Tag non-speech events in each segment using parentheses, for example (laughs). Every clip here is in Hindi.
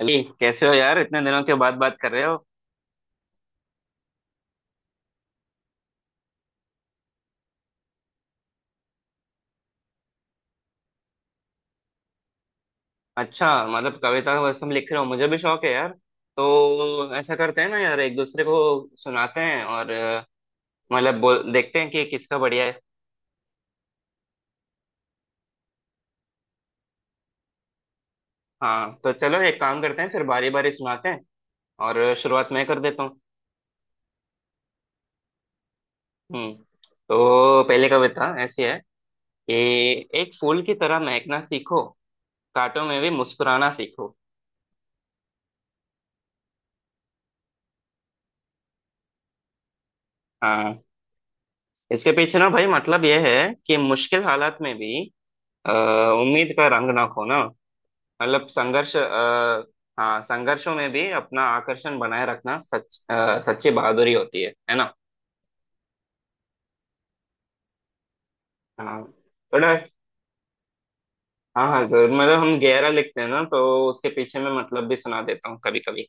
अली, कैसे हो यार? इतने दिनों के बाद बात कर रहे हो। अच्छा, मतलब कविता वसम लिख रहे हो? मुझे भी शौक है यार। तो ऐसा करते हैं ना यार, एक दूसरे को सुनाते हैं और मतलब बोल देखते हैं कि किसका बढ़िया है। हाँ, तो चलो एक काम करते हैं, फिर बारी बारी सुनाते हैं और शुरुआत मैं कर देता हूँ। हम्म। तो पहली कविता ऐसी है कि एक फूल की तरह महकना सीखो, कांटों में भी मुस्कुराना सीखो। हाँ, इसके पीछे ना भाई मतलब यह है कि मुश्किल हालात में भी अ, उम्मीद का रंग ना खोना। मतलब संघर्ष, हाँ, संघर्षों में भी अपना आकर्षण बनाए रखना सच्ची बहादुरी होती है ना। हाँ। बड़ा। हाँ, हाँ, जरूर। मतलब हम गहरा लिखते हैं ना, तो उसके पीछे मैं मतलब भी सुना देता हूँ कभी कभी।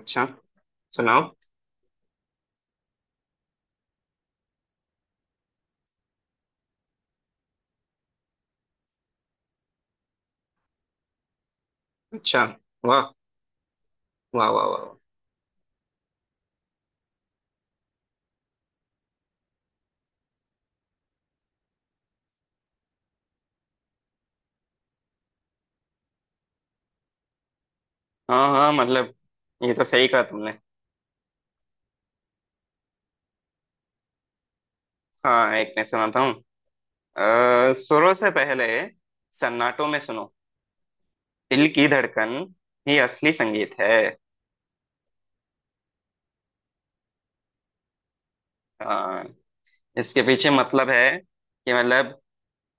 अच्छा, सुनाओ। अच्छा, वाह, वाह, वाह, वाह, वाह। हाँ, हाँ, मतलब ये तो सही कहा तुमने। हाँ, एक मैं सुनाता हूँ। सुरों से पहले सन्नाटों में सुनो, दिल की धड़कन ही असली संगीत है। हाँ, इसके पीछे मतलब है कि मतलब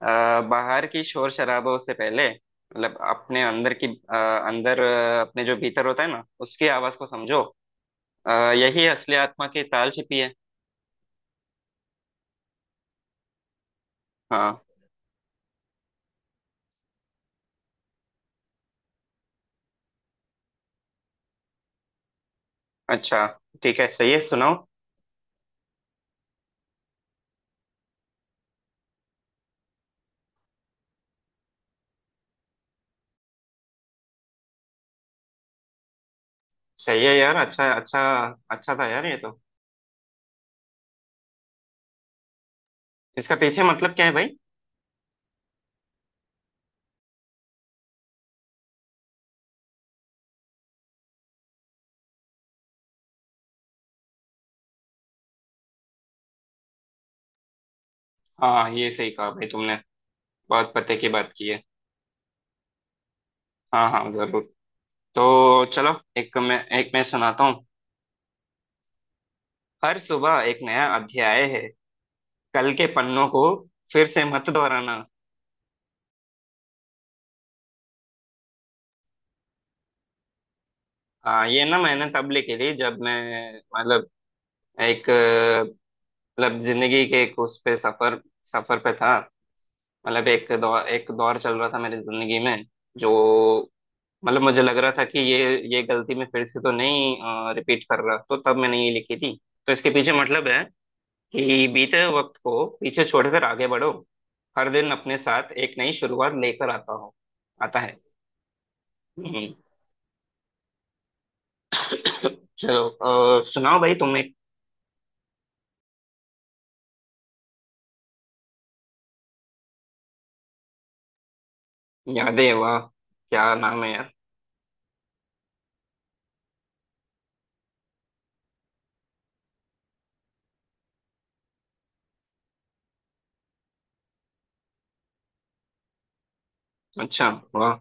अ, बाहर की शोर शराबों से पहले, मतलब अपने अंदर की अंदर अपने जो भीतर होता है ना, उसकी आवाज को समझो। यही असली आत्मा की ताल छिपी है। हाँ, अच्छा, ठीक है, सही है, सुनाओ। सही है यार, अच्छा, अच्छा। अच्छा था यार ये तो। इसका पीछे मतलब क्या है भाई? हाँ, ये सही कहा भाई तुमने, बहुत पते की बात की है। हाँ, हाँ, जरूर। तो चलो एक मैं सुनाता हूँ। हर सुबह एक नया अध्याय है, कल के पन्नों को फिर से मत दोहराना। हाँ, ये ना मैंने तब लिखी थी जब मैं मतलब एक, मतलब जिंदगी के एक, उस पे सफर, सफर पे था। मतलब एक दौर चल रहा था मेरी जिंदगी में। जो, मतलब मुझे लग रहा था कि ये गलती मैं फिर से तो नहीं रिपीट कर रहा, तो तब मैंने ये लिखी थी। तो इसके पीछे मतलब है कि बीते हुए वक्त को पीछे छोड़कर आगे बढ़ो। हर दिन अपने साथ एक नई शुरुआत लेकर आता है। हम्म। चलो, सुनाओ भाई तुम्हें। यादें, वाह। क्या नाम है यार! अच्छा, वाह।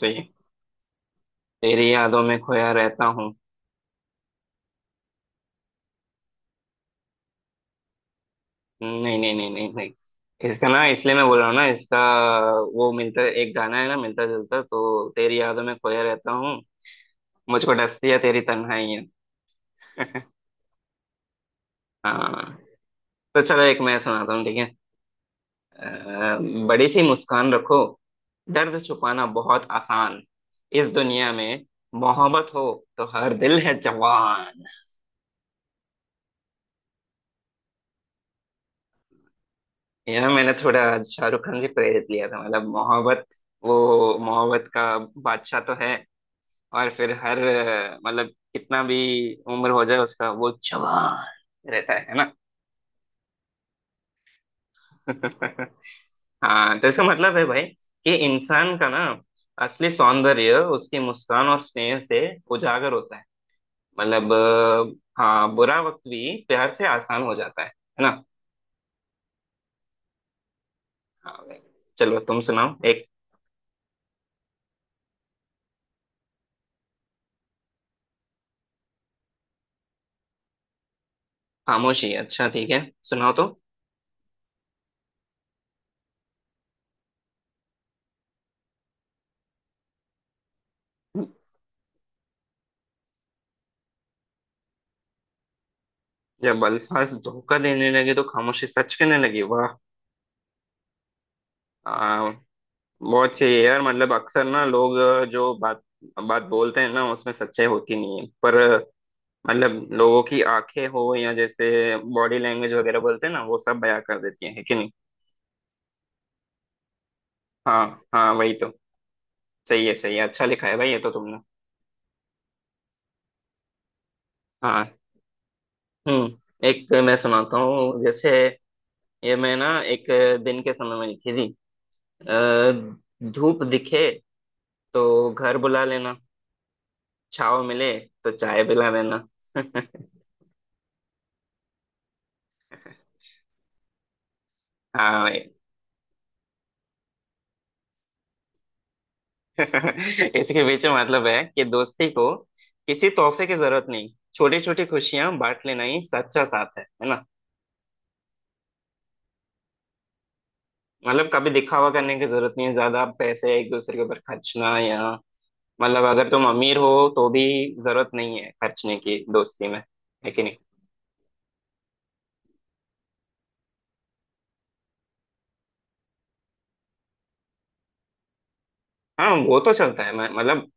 सही है। तेरी यादों में खोया रहता हूँ। नहीं, नहीं, नहीं, नहीं, नहीं, इसका ना, इसलिए मैं बोल रहा हूँ ना, इसका वो मिलता एक गाना है ना मिलता जुलता, तो तेरी यादों में खोया रहता हूँ, मुझको डसती है तेरी तन्हाई है। हाँ, तो चलो एक मैं सुनाता हूँ, ठीक है। अ, बड़ी सी मुस्कान रखो, दर्द छुपाना बहुत आसान, इस दुनिया में मोहब्बत हो तो हर दिल है जवान। यार, मैंने थोड़ा शाहरुख खान से प्रेरित लिया था, मतलब मोहब्बत, वो मोहब्बत का बादशाह तो है। और फिर हर मतलब कितना भी उम्र हो जाए उसका, वो जवान रहता है ना। (laughs) हाँ, तो इसका मतलब है भाई कि इंसान का ना असली सौंदर्य उसकी मुस्कान और स्नेह से उजागर होता है। मतलब हाँ, बुरा वक्त भी प्यार से आसान हो जाता है ना। हाँ भाई। चलो तुम सुनाओ एक। खामोशी, अच्छा, ठीक है, सुनाओ तो। जब अल्फाज धोखा देने लगे तो खामोशी सच कहने लगी, वाह। आ, बहुत सही है यार। मतलब अक्सर ना लोग जो बात बात बोलते हैं ना, उसमें सच्चाई होती नहीं है, पर मतलब लोगों की आंखें हो या जैसे बॉडी लैंग्वेज वगैरह बोलते हैं ना, वो सब बयां कर देती हैं, है कि नहीं। हाँ, हाँ, वही तो। सही है, सही है, अच्छा लिखा है भाई ये तो तुमने। हाँ। हम्म, एक मैं सुनाता हूँ जैसे। ये मैं ना एक दिन के समय में लिखी थी। धूप दिखे तो घर बुला लेना, छाव मिले तो चाय पिला देना। (laughs) हाँ भाई। (laughs) इसके पीछे मतलब है कि दोस्ती को किसी तोहफे की जरूरत नहीं, छोटी छोटी खुशियां बांट लेना ही सच्चा साथ है ना। मतलब कभी दिखावा करने की जरूरत नहीं है, ज्यादा पैसे एक दूसरे के ऊपर खर्चना, या मतलब अगर तुम अमीर हो तो भी जरूरत नहीं है खर्चने की दोस्ती में, है कि नहीं। हाँ, वो तो चलता है, मैं मतलब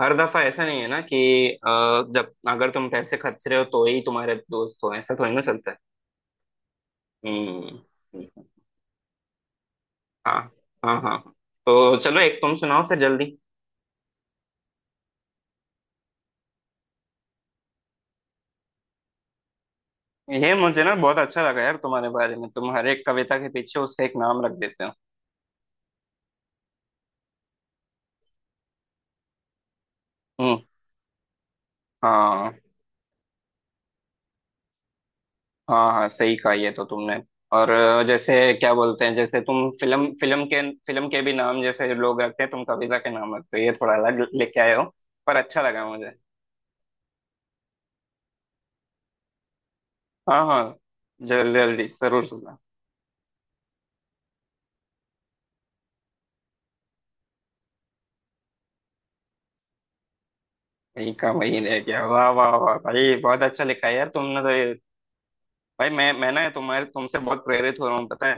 हर दफा ऐसा नहीं है ना कि अ, जब अगर तुम पैसे खर्च रहे हो तो ही तुम्हारे दोस्त हो, ऐसा थोड़ी ना चलता है। हम्म। हाँ, हाँ। हाँ, तो चलो एक तुम सुनाओ फिर जल्दी। ये मुझे ना बहुत अच्छा लगा यार तुम्हारे बारे में, तुम हर एक कविता के पीछे उसका एक नाम रख देते हो। हम्म। हाँ, हाँ, हाँ, सही कहा ये तो तुमने। और जैसे क्या बोलते हैं, जैसे तुम फिल्म फिल्म के भी नाम जैसे लोग रखते हैं, तुम कविता के नाम रखते हो, ये थोड़ा अलग लेके आए हो। पर अच्छा लगा मुझे। हाँ, हाँ, जल्दी जल्दी जरूर सुनना। यही काम वही रह गया, वाह, वाह, वाह भाई, बहुत अच्छा लिखा है यार तुमने तो ये। भाई, मैं ना तुम्हारे तुमसे बहुत प्रेरित हो रहा हूँ, पता है।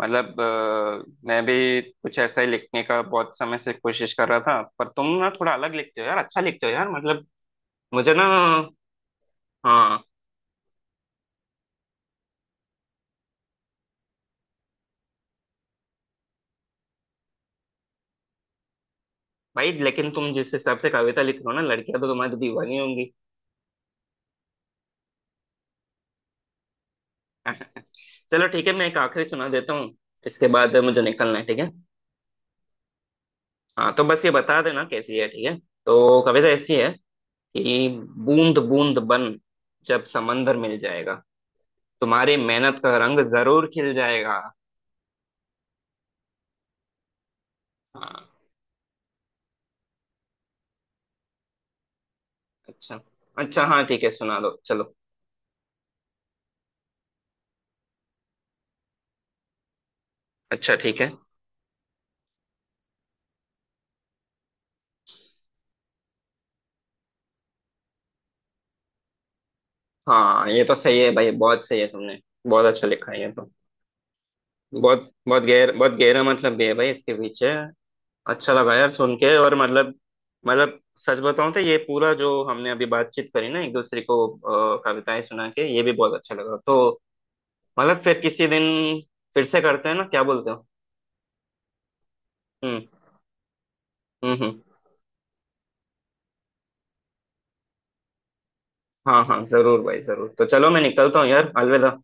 मतलब मैं भी कुछ ऐसा ही लिखने का बहुत समय से कोशिश कर रहा था, पर तुम ना थोड़ा अलग लिखते हो यार, अच्छा लिखते हो यार, मतलब। मुझे ना। हाँ भाई, लेकिन तुम जिस हिसाब से कविता लिख रहे हो ना, लड़कियां तो तुम्हारी तो दीवानी होंगी। (laughs) चलो, ठीक है, मैं एक आखिरी सुना देता हूँ, इसके बाद मुझे निकलना है, ठीक है। हाँ, तो बस ये बता देना कैसी है, ठीक है। तो कविता ऐसी है कि बूंद बूंद बन जब समंदर मिल जाएगा, तुम्हारी मेहनत का रंग जरूर खिल जाएगा। हाँ, अच्छा, अच्छा, हाँ, ठीक है, सुना दो चलो। अच्छा, ठीक है। हाँ, ये तो सही है भाई, बहुत सही है तुमने, बहुत अच्छा लिखा है ये तो। बहुत बहुत गहर बहुत गहरा मतलब भी है भाई इसके पीछे। अच्छा लगा यार सुन के, और मतलब सच बताऊं तो ये पूरा जो हमने अभी बातचीत करी ना, एक दूसरे को कविताएं सुना के, ये भी बहुत अच्छा लगा तो। मतलब फिर किसी दिन फिर से करते हैं ना, क्या बोलते हो? हम्म, हम्म, हम्म। हाँ, हाँ, जरूर भाई जरूर, तो चलो मैं निकलता हूँ यार, अलविदा।